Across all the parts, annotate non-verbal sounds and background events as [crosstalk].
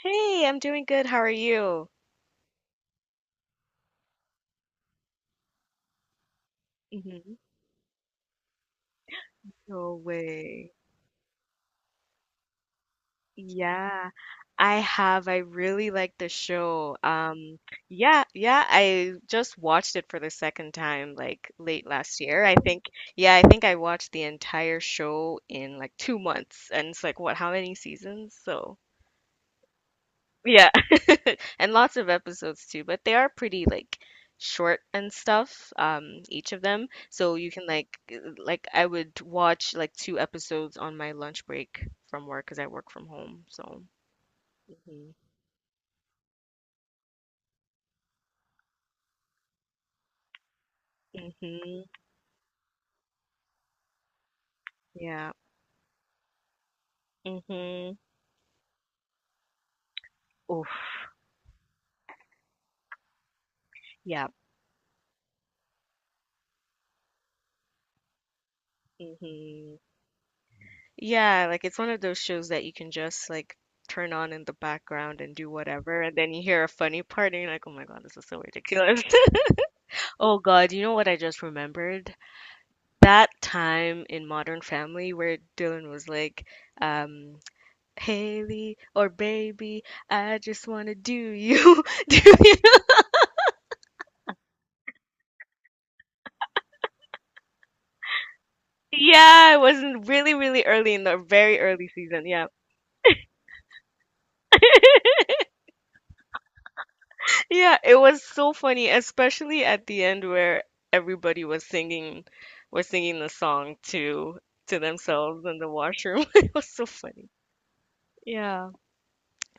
Hey, I'm doing good. How are you? Hmm. No way. Yeah, I have. I really like the show. Yeah, yeah, I just watched it for the second time like late last year. Yeah, I think I watched the entire show in like 2 months. And it's like, what, how many seasons? So, yeah. And lots of episodes too, but they are pretty like short and stuff, each of them. So you can like I would watch like two episodes on my lunch break from work because I work from home. So mhm. Mhm. Yeah. Mhm. Oof. Yeah. Mhm. Yeah, like it's one of those shows that you can just like turn on in the background and do whatever, and then you hear a funny part and you're like, "Oh my God, this is so ridiculous." [laughs] Oh God, you know what I just remembered? That time in Modern Family where Dylan was like, um, Haley or baby, I just wanna do you. [laughs] Do you. Yeah, it was really, really early in the very early season. Yeah. Yeah, it was so funny, especially at the end where everybody was singing the song to themselves in the washroom. [laughs] It was so funny. Yeah.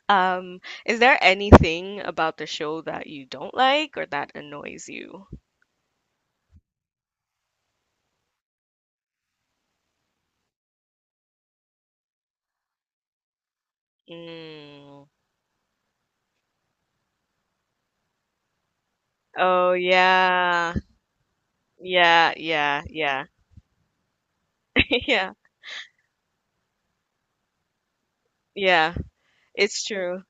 Um, is there anything about the show that you don't like or that annoys you? Mm. Oh yeah. Yeah. [laughs] Yeah. Yeah, it's true.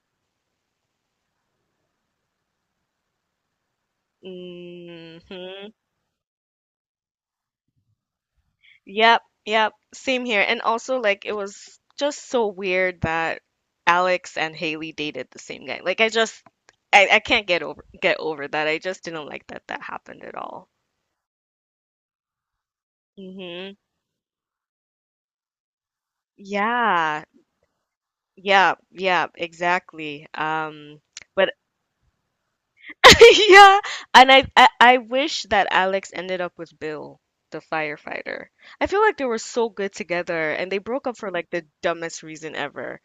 Hmm. Yep, yep. Same here. And also like it was just so weird that Alex and Haley dated the same guy. Like I just I can't get over that. I just didn't like that that happened at all. Hmm. Yeah. Yeah, yeah, exactly. But [laughs] yeah, and I wish that Alex ended up with Bill, the firefighter. I feel like they were so good together and they broke up for like the dumbest reason ever.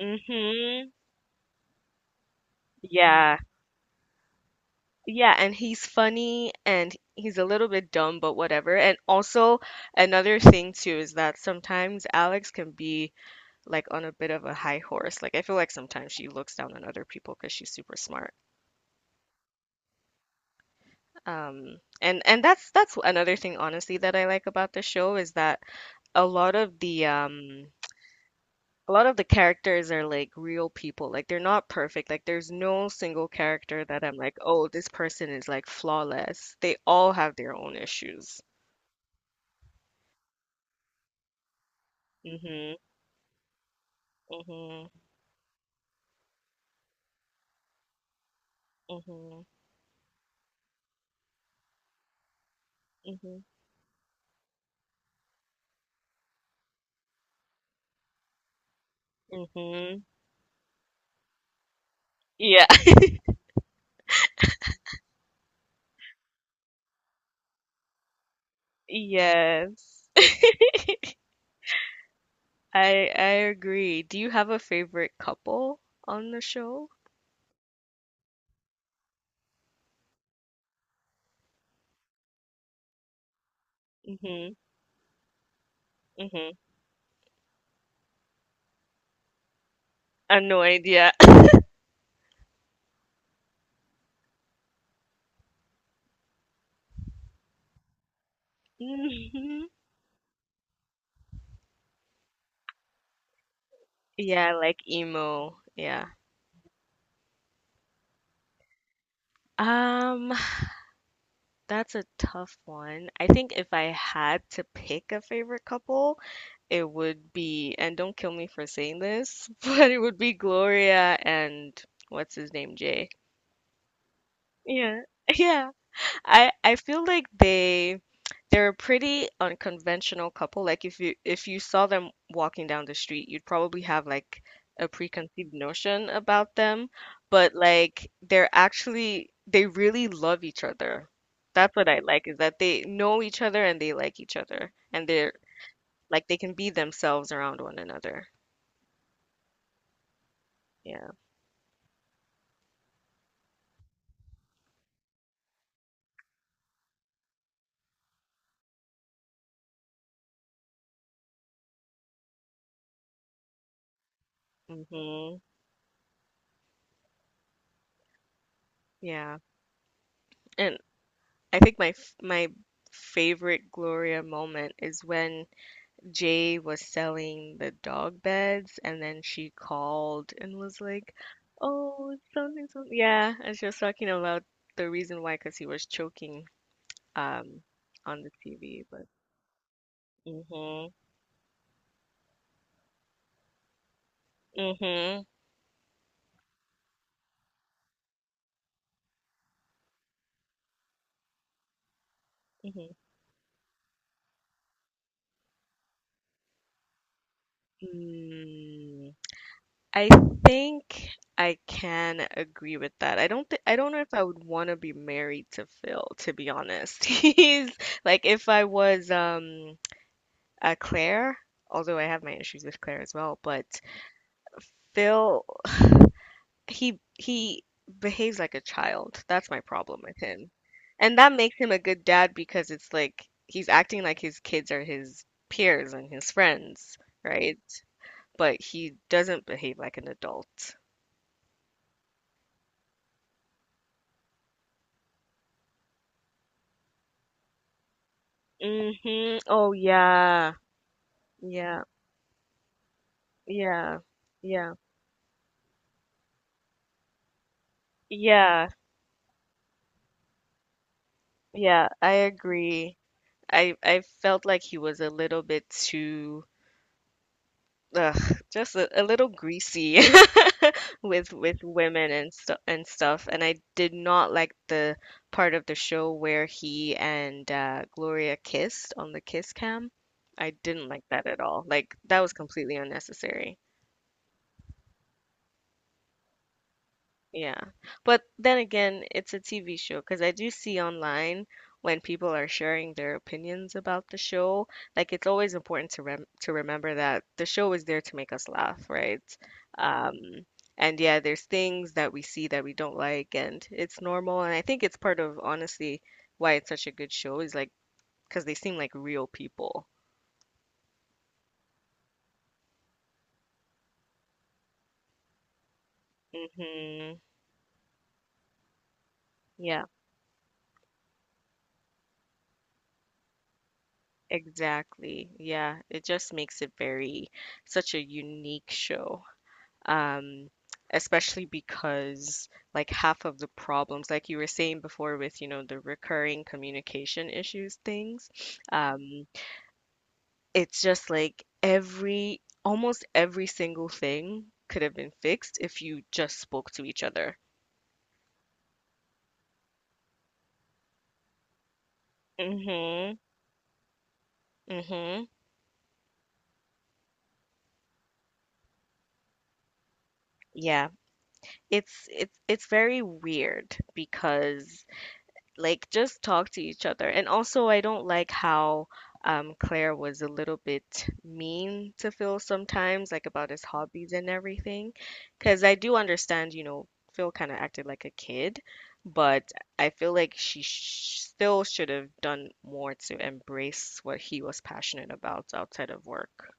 Mm-hmm. Yeah. Yeah, and he's funny and he's a little bit dumb, but whatever. And also another thing too is that sometimes Alex can be like on a bit of a high horse. Like I feel like sometimes she looks down on other people because she's super smart. And that's another thing honestly that I like about the show is that a lot of the a lot of the characters are like real people. Like they're not perfect. Like there's no single character that I'm like, oh, this person is like flawless. They all have their own issues. Mhm. Mhm. Mhm. Mhm. Mhm. Yeah. [laughs] Yes. [laughs] I agree. Do you have a favorite couple on the show? Mhm. Mhm. I have no idea. [laughs] Mhm. Yeah, like emo. Yeah. Um That's a tough one. I think if I had to pick a favorite couple, it would be, and don't kill me for saying this, [laughs] but it would be Gloria and what's his name, Jay. Yeah. [laughs] Yeah. I feel like they're a pretty unconventional couple. Like if you saw them walking down the street, you'd probably have like a preconceived notion about them, but like they're actually they really love each other. That's what I like is that they know each other and they like each other and they're like they can be themselves around one another. Yeah. Hmm. Yeah. And I think my favorite Gloria moment is when Jay was selling the dog beds, and then she called and was like, "Oh, it's something, something." Yeah, and she was talking about the reason why, because he was choking um on the TV. But mhm, mhm, mhm. Mm, I think I can agree with that. I don't know if I would want to be married to Phil, to be honest. [laughs] He's like if I was a Claire, although I have my issues with Claire as well, but Phil, he behaves like a child. That's my problem with him. And that makes him a good dad because it's like he's acting like his kids are his peers and his friends, right? But he doesn't behave like an adult. Mm-hmm. Oh yeah. Yeah. Yeah. Yeah. Yeah. Yeah. I agree. I felt like he was a little bit too ugh, just a little greasy [laughs] with women and stuff. And I did not like the part of the show where he and Gloria kissed on the kiss cam. I didn't like that at all. Like that was completely unnecessary. Yeah. But then again, it's a TV show because I do see online when people are sharing their opinions about the show, like it's always important to remember that the show is there to make us laugh, right? Um, and yeah, there's things that we see that we don't like, and it's normal. And I think it's part of honestly why it's such a good show is like because they seem like real people. Hmm. Yeah, exactly. Yeah, it just makes it very such a unique show. um, Especially because like half of the problems, like you were saying before with, you know, the recurring communication issues things, um, it's just like every, almost every single thing could have been fixed if you just spoke to each other. Mm-hmm. Mm-hmm. Yeah. It's very weird because like just talk to each other. And also, I don't like how Claire was a little bit mean to Phil sometimes, like about his hobbies and everything. Because I do understand, you know, Phil kind of acted like a kid, but I feel like she sh still should have done more to embrace what he was passionate about outside of work.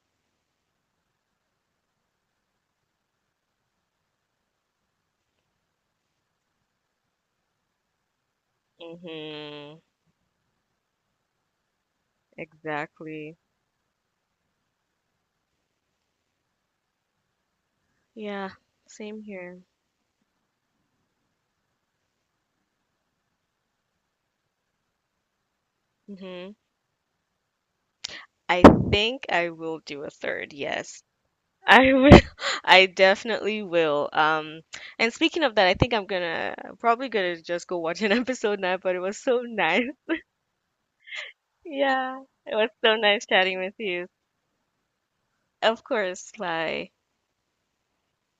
Hmm. Exactly. Yeah, same here. Hmm. I think I will do a third, yes. I will, [laughs] I definitely will. And speaking of that, I think I'm gonna probably gonna just go watch an [laughs] episode now, but it was so nice. [laughs] Yeah, it was so nice chatting with you. Of course, bye.